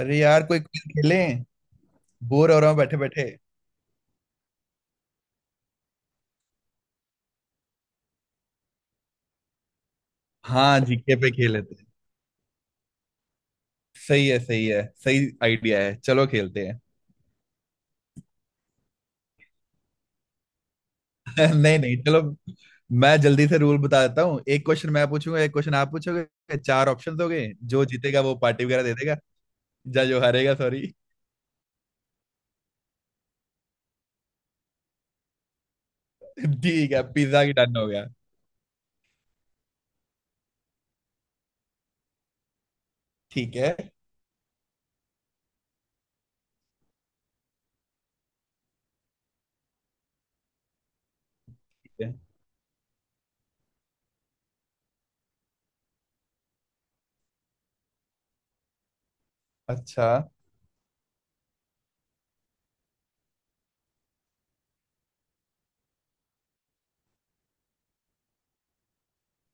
अरे यार, कोई क्विज खेलें। बोर हो रहा हूँ बैठे बैठे। हाँ, जीके पे खेल लेते हैं। सही है, सही है, सही आइडिया है, चलो खेलते हैं। नहीं नहीं, चलो। मैं जल्दी से रूल बता देता हूँ। एक क्वेश्चन मैं पूछूंगा, एक क्वेश्चन आप पूछोगे, चार ऑप्शन हो गए। जो जीतेगा वो पार्टी वगैरह दे देगा। या जो हारेगा, सॉरी। ठीक है, पिज्जा की डन हो गया। ठीक है। ठीक है। अच्छा।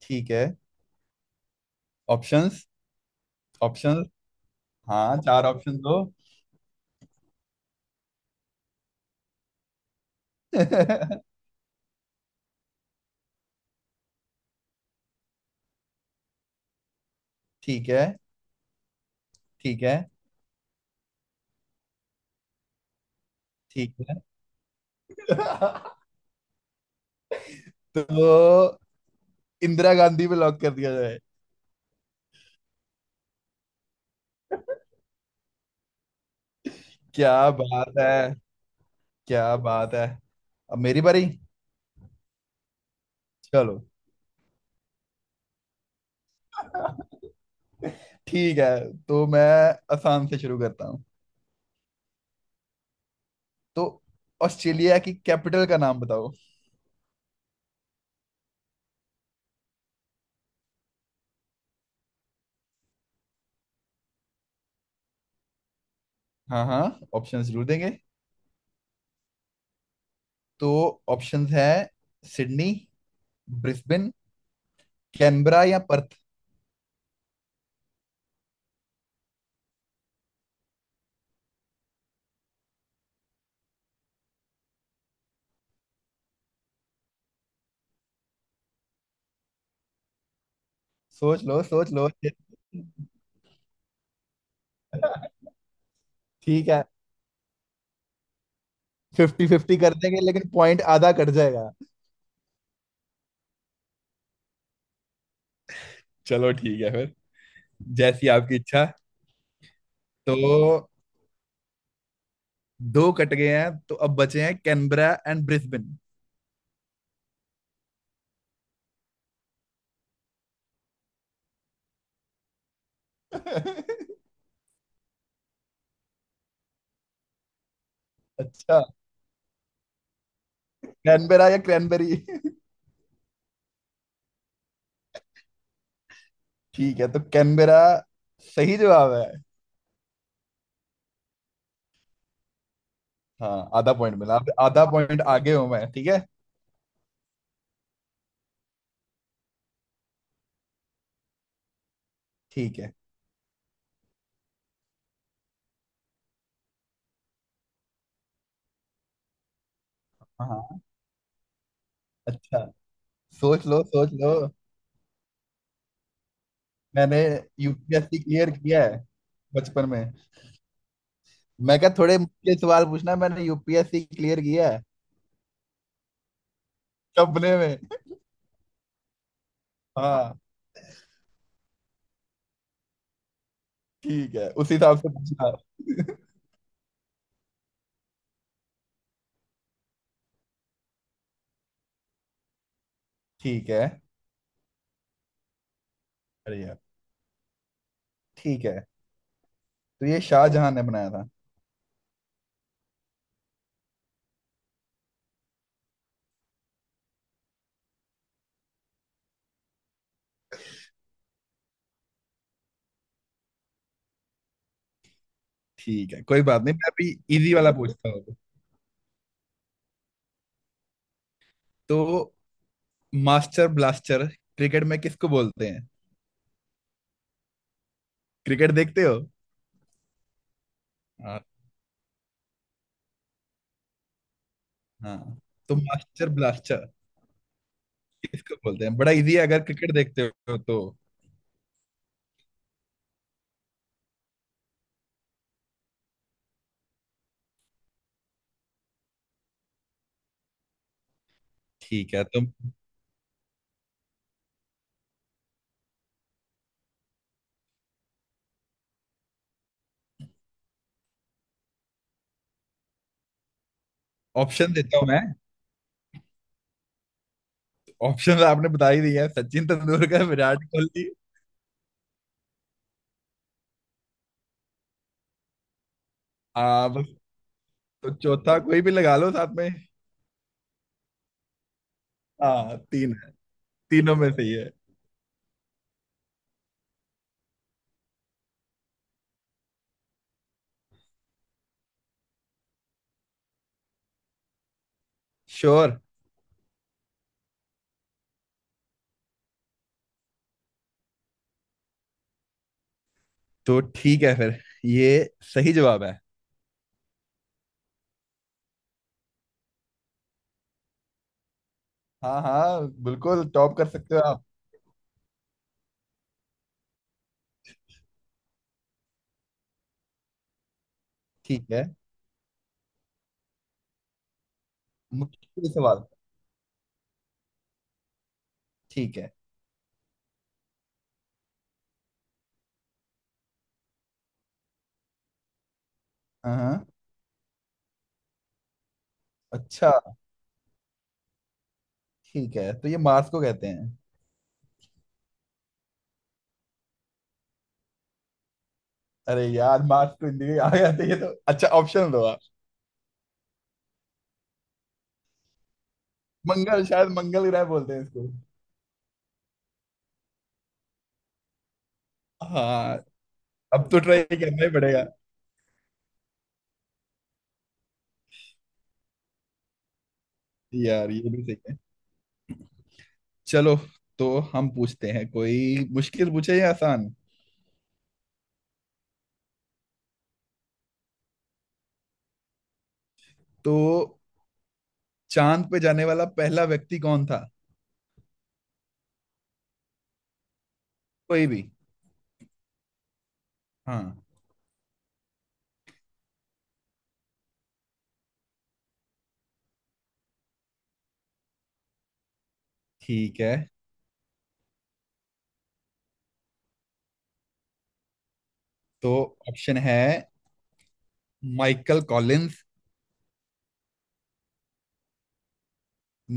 ठीक है। ऑप्शंस। ऑप्शंस। हाँ, चार ऑप्शन दो। ठीक है। ठीक है। ठीक है। तो इंदिरा गांधी पे लॉक कर दिया जाए। क्या बात है। क्या बात है। अब मेरी बारी। चलो। ठीक है, तो मैं आसान से शुरू करता हूँ। तो ऑस्ट्रेलिया की कैपिटल का नाम बताओ। हाँ हाँ, ऑप्शंस जरूर देंगे। तो ऑप्शंस है सिडनी, ब्रिस्बेन, कैनबरा या पर्थ। सोच लो सोच लो। ठीक है, फिफ्टी फिफ्टी कर देंगे लेकिन पॉइंट आधा कट जाएगा। चलो ठीक है फिर। जैसी आपकी इच्छा। तो दो कट गए हैं, तो अब बचे हैं कैनबरा एंड ब्रिस्बेन। अच्छा, कैनबेरा या क्रैनबेरी। ठीक है, तो कैनबेरा सही जवाब है। हाँ, आधा पॉइंट मिला। अब आधा पॉइंट आगे हूं मैं। ठीक है। ठीक है। हाँ। अच्छा। सोच लो सोच लो। मैंने यूपीएससी क्लियर किया है बचपन में। मैं क्या थोड़े मुश्किल सवाल पूछना, मैंने यूपीएससी क्लियर किया है सपने में। हाँ। ठीक है, उसी हिसाब से पूछना। ठीक है। अरे यार। ठीक है, तो ये शाहजहां ने बनाया था। ठीक है, कोई बात नहीं। मैं अभी इजी वाला पूछता हूँ। तो मास्टर ब्लास्टर क्रिकेट में किसको बोलते हैं? क्रिकेट देखते हो? हाँ हाँ। तो मास्टर ब्लास्टर किसको बोलते हैं? बड़ा इजी है अगर क्रिकेट देखते हो तो। ठीक है, तो ऑप्शन देता हूँ मैं। ऑप्शन आपने बता ही दिया है, सचिन तेंदुलकर, विराट कोहली। हाँ बस। तो चौथा कोई भी लगा लो साथ में। हाँ, तीन है। तीनों में सही है। श्योर। तो ठीक है फिर, ये सही जवाब है। हाँ हाँ, बिल्कुल टॉप कर सकते हो आप। ठीक है। मुश्किल सवाल। ठीक है। हाँ। हाँ। अच्छा। ठीक है, तो ये मार्स को कहते हैं। अरे यार, मार्स तो इंडिया आ गया था ये तो। अच्छा, ऑप्शन दो आप। मंगल, शायद मंगल ग्रह बोलते हैं इसको। हाँ, अब तो ट्राई करना ही पड़ेगा। यार, ये भी सही है। चलो, तो हम पूछते हैं, कोई मुश्किल पूछे या आसान। तो चांद पे जाने वाला पहला व्यक्ति कौन था? कोई भी। हाँ। ठीक है, तो ऑप्शन है Michael Collins,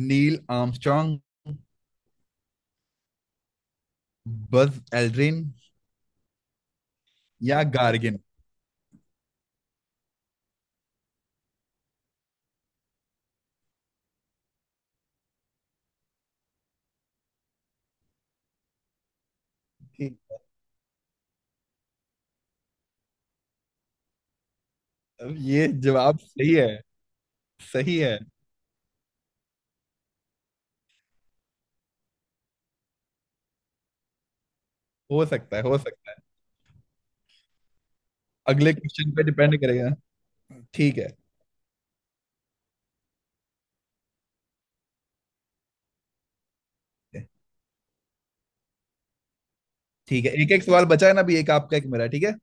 Neil Armstrong, Buzz Aldrin या गार्गिन। अब ये जवाब सही है। सही है। हो सकता है, हो सकता है। अगले क्वेश्चन पे डिपेंड करेगा। ठीक है। ठीक है, एक एक सवाल बचा है ना अभी, एक आपका एक मेरा। ठीक है।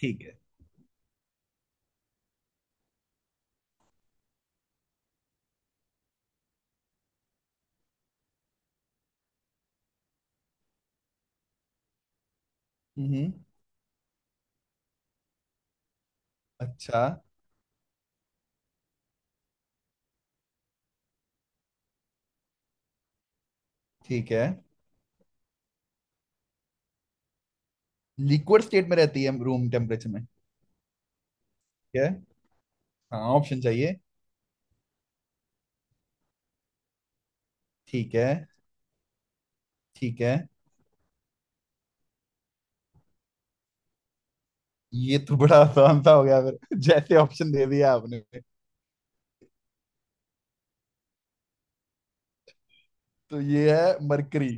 ठीक है। हम्म। अच्छा। ठीक है। लिक्विड स्टेट में रहती है रूम टेम्परेचर में? ठीक है। हाँ, ऑप्शन चाहिए। ठीक है। ठीक है। ये तो बड़ा आसान सा हो गया फिर। जैसे ऑप्शन दे दिया आपने। तो ये है मरकरी,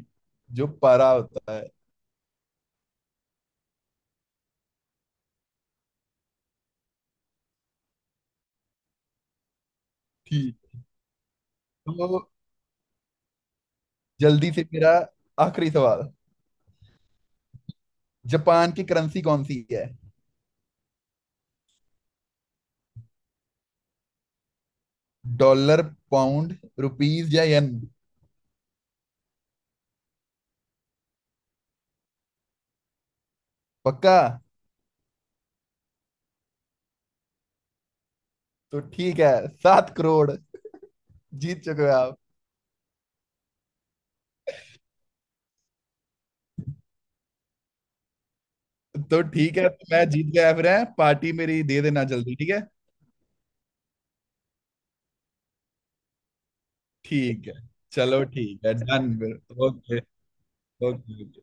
जो पारा होता है। ठीक। तो जल्दी से मेरा आखिरी सवाल। जापान की करेंसी कौन सी है? डॉलर, पाउंड, रुपीज या येन? पक्का। तो ठीक है, 7 करोड़ जीत चुके हो आप। तो ठीक है, तो मैं जीत गया फिर है। पार्टी मेरी दे देना जल्दी, ठीक है? ठीक है। चलो, ठीक है, डन फिर। ओके। ओके।